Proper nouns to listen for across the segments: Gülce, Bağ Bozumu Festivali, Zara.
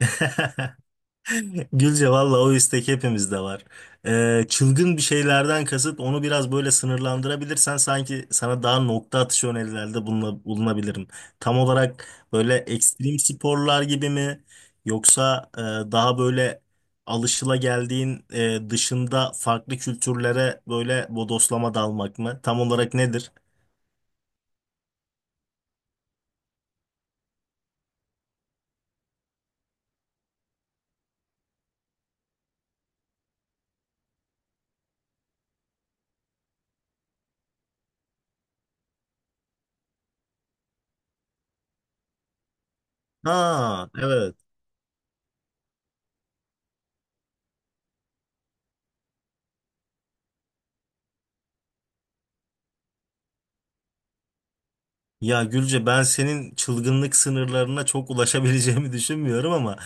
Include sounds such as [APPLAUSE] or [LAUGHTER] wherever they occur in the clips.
[LAUGHS] Gülce valla o istek hepimizde var. Çılgın bir şeylerden kasıt onu biraz böyle sınırlandırabilirsen sanki sana daha nokta atışı önerilerde bulunabilirim. Tam olarak böyle ekstrem sporlar gibi mi yoksa daha böyle alışılageldiğin dışında farklı kültürlere böyle bodoslama dalmak mı? Tam olarak nedir? Ha, evet. Ya Gülce, ben senin çılgınlık sınırlarına çok ulaşabileceğimi düşünmüyorum ama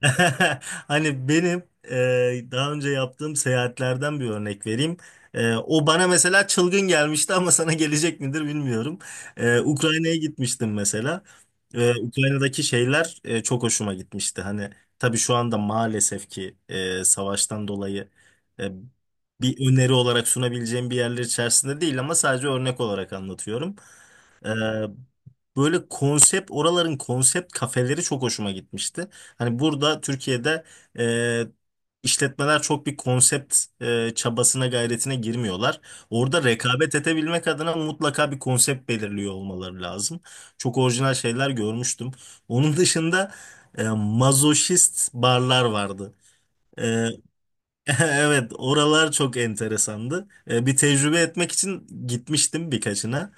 [LAUGHS] hani benim daha önce yaptığım seyahatlerden bir örnek vereyim. E, o bana mesela çılgın gelmişti ama sana gelecek midir bilmiyorum. E, Ukrayna'ya gitmiştim mesela. E, Ukrayna'daki şeyler çok hoşuma gitmişti. Hani tabii şu anda maalesef ki savaştan dolayı e, bir öneri olarak sunabileceğim bir yerler içerisinde değil ama sadece örnek olarak anlatıyorum. Ee, Böyle konsept oraların konsept kafeleri çok hoşuma gitmişti. Hani burada Türkiye'de e, işletmeler çok bir konsept çabasına gayretine girmiyorlar. Orada rekabet edebilmek adına mutlaka bir konsept belirliyor olmaları lazım. Çok orijinal şeyler görmüştüm. Onun dışında mazoşist barlar vardı. E, [LAUGHS] evet, oralar çok enteresandı. E, bir tecrübe etmek için gitmiştim birkaçına.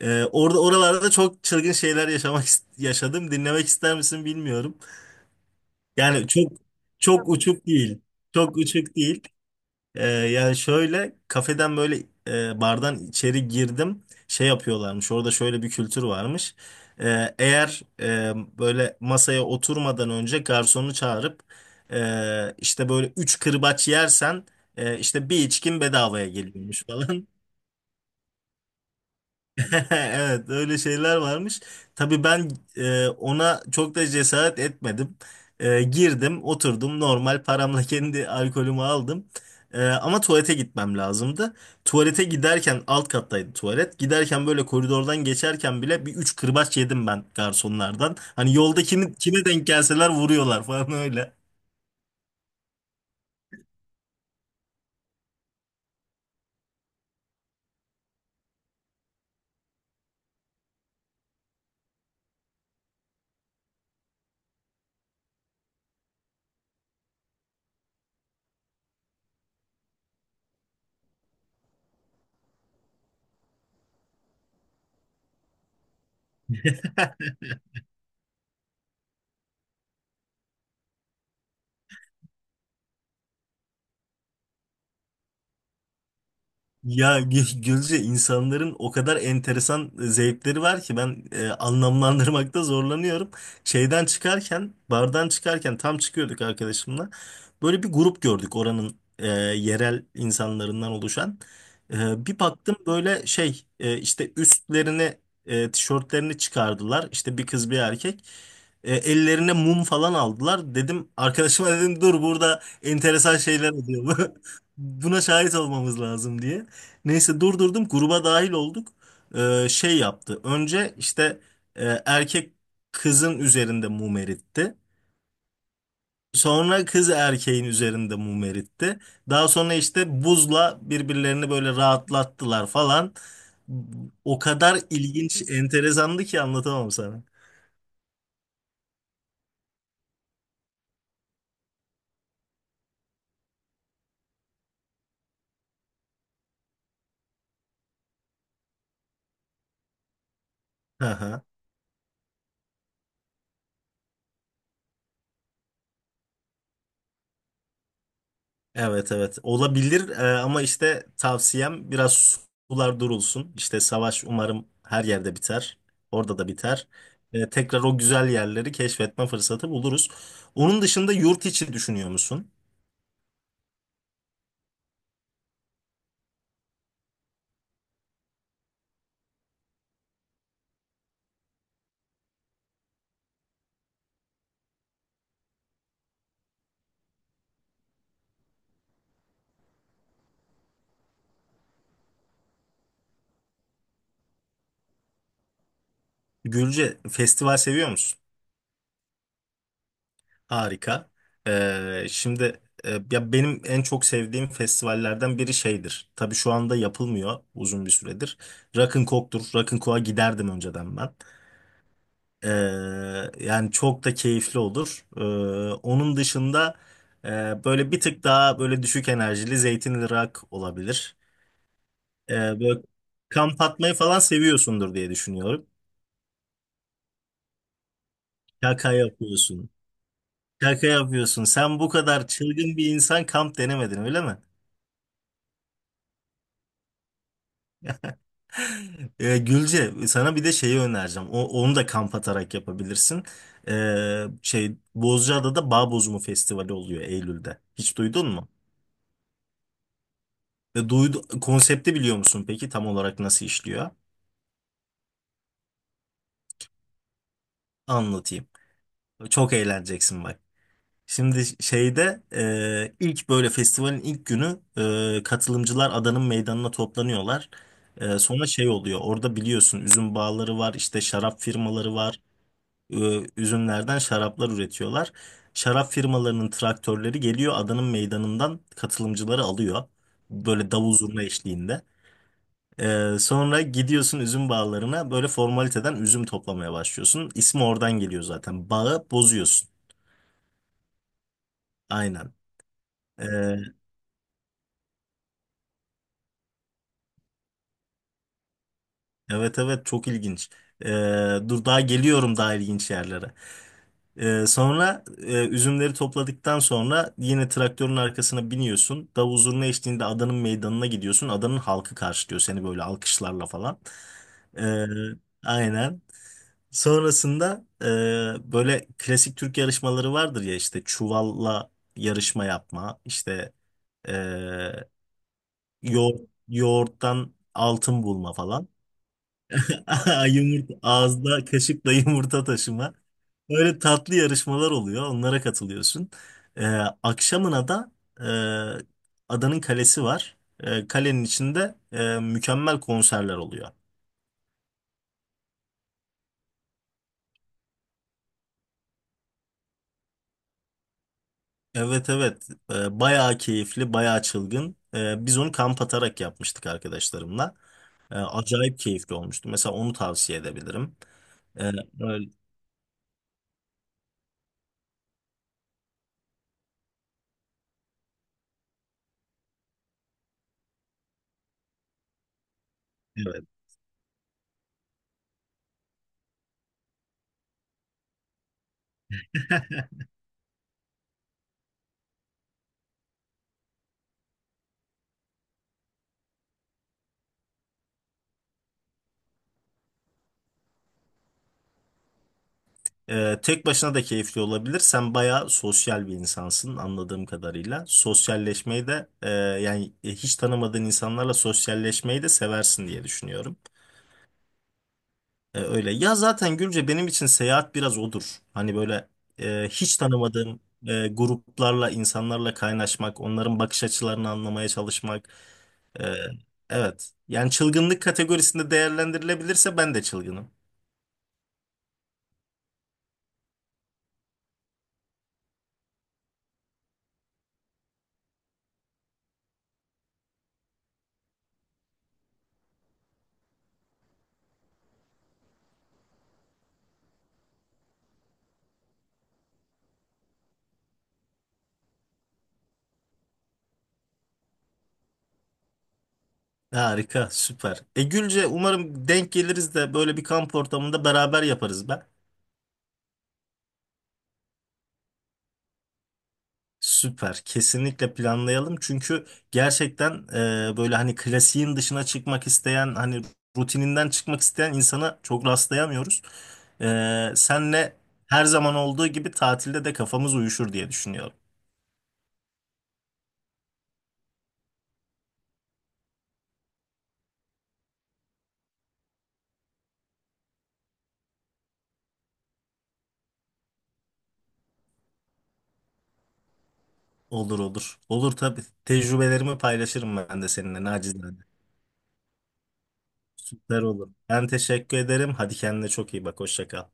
Orada Oralarda çok çılgın şeyler yaşadım. Dinlemek ister misin bilmiyorum. Yani çok uçuk değil. Çok uçuk değil. Yani şöyle kafeden böyle bardan içeri girdim. Şey yapıyorlarmış. Orada şöyle bir kültür varmış. Ee, eğer e, Böyle masaya oturmadan önce garsonu çağırıp işte böyle üç kırbaç yersen işte bir içkin bedavaya geliyormuş falan. [LAUGHS] [LAUGHS] Evet, öyle şeyler varmış. Tabii ben ona çok da cesaret etmedim. E, girdim, oturdum, normal paramla [LAUGHS] kendi alkolümü aldım. E, ama tuvalete gitmem lazımdı. Tuvalete giderken alt kattaydı tuvalet. Giderken böyle koridordan geçerken bile bir üç kırbaç yedim ben garsonlardan. Hani yolda kimi, kime denk gelseler vuruyorlar falan [LAUGHS] öyle. Ya Gülce, insanların o kadar enteresan zevkleri var ki ben anlamlandırmakta zorlanıyorum. Şeyden çıkarken, bardan çıkarken tam çıkıyorduk arkadaşımla. Böyle bir grup gördük oranın yerel insanlarından oluşan. E, bir baktım böyle şey işte tişörtlerini çıkardılar. İşte bir kız bir erkek. E, ellerine mum falan aldılar. Dedim arkadaşıma, dedim dur burada enteresan şeyler oluyor. [LAUGHS] Buna şahit olmamız lazım diye. Neyse, durdurdum, gruba dahil olduk. Şey yaptı. Önce işte erkek kızın üzerinde mum eritti. Sonra kız erkeğin üzerinde mum eritti. Daha sonra işte buzla birbirlerini böyle rahatlattılar falan. O kadar ilginç, enteresandı ki anlatamam sana. Hı hı. Evet, evet olabilir. Ama işte tavsiyem biraz sular durulsun. İşte savaş umarım her yerde biter. Orada da biter. Tekrar o güzel yerleri keşfetme fırsatı buluruz. Onun dışında yurt içi düşünüyor musun? Gülce, festival seviyor musun? Harika. Ee, şimdi Ya benim en çok sevdiğim festivallerden biri şeydir. Tabii şu anda yapılmıyor uzun bir süredir. Rock'n'Coke'tur. Rock'n'Coke'a giderdim önceden ben. Ee, Yani çok da keyifli olur. Onun dışında böyle bir tık daha böyle düşük enerjili zeytinli rock olabilir. Ee, Böyle kamp atmayı falan seviyorsundur diye düşünüyorum. Şaka yapıyorsun. Şaka yapıyorsun. Sen bu kadar çılgın bir insan kamp denemedin, öyle mi? [LAUGHS] Gülce, sana bir de şeyi önereceğim. O, onu da kamp atarak yapabilirsin. Şey, Bozcaada'da Bağ Bozumu Festivali oluyor Eylül'de. Hiç duydun mu? Ve konsepti biliyor musun peki, tam olarak nasıl işliyor? Anlatayım. Çok eğleneceksin bak. Şimdi şeyde ilk böyle festivalin ilk günü katılımcılar adanın meydanına toplanıyorlar. E, sonra şey oluyor, orada biliyorsun üzüm bağları var, işte şarap firmaları var. E, üzümlerden şaraplar üretiyorlar. Şarap firmalarının traktörleri geliyor, adanın meydanından katılımcıları alıyor. Böyle davul zurna eşliğinde. Sonra gidiyorsun üzüm bağlarına, böyle formaliteden üzüm toplamaya başlıyorsun. İsmi oradan geliyor zaten. Bağı bozuyorsun. Aynen. Ee, evet, evet çok ilginç. Ee, Dur daha geliyorum daha ilginç yerlere. Üzümleri topladıktan sonra yine traktörün arkasına biniyorsun. Davul zurna eşliğinde adanın meydanına gidiyorsun. Adanın halkı karşılıyor seni böyle alkışlarla falan. Ee, aynen. Sonrasında böyle klasik Türk yarışmaları vardır ya, işte çuvalla yarışma yapma, işte e, yoğurt, yoğurttan altın bulma falan. [LAUGHS] Yumurta, ağızda kaşıkla yumurta taşıma. Böyle tatlı yarışmalar oluyor. Onlara katılıyorsun. E, akşamına da adanın kalesi var. E, kalenin içinde mükemmel konserler oluyor. Evet, evet. Bayağı keyifli, bayağı çılgın. Biz onu kamp atarak yapmıştık arkadaşlarımla. Acayip keyifli olmuştu, mesela onu tavsiye edebilirim. Ee, öyle- evet. Tek başına da keyifli olabilir, sen bayağı sosyal bir insansın anladığım kadarıyla, sosyalleşmeyi de hiç tanımadığın insanlarla sosyalleşmeyi de seversin diye düşünüyorum. E, öyle. Ya zaten Gülce, benim için seyahat biraz odur. Hani böyle hiç tanımadığım gruplarla, insanlarla kaynaşmak, onların bakış açılarını anlamaya çalışmak. E, evet. Yani çılgınlık kategorisinde değerlendirilebilirse ben de çılgınım. Harika, süper. E Gülce, umarım denk geliriz de böyle bir kamp ortamında beraber yaparız be. Süper. Kesinlikle planlayalım. Çünkü gerçekten böyle hani klasiğin dışına çıkmak isteyen, hani rutininden çıkmak isteyen insana çok rastlayamıyoruz. E, senle her zaman olduğu gibi tatilde de kafamız uyuşur diye düşünüyorum. Olur, olur. Olur tabii. Tecrübelerimi paylaşırım ben de seninle nacizane. Süper olur. Ben teşekkür ederim. Hadi kendine çok iyi bak. Hoşça kal.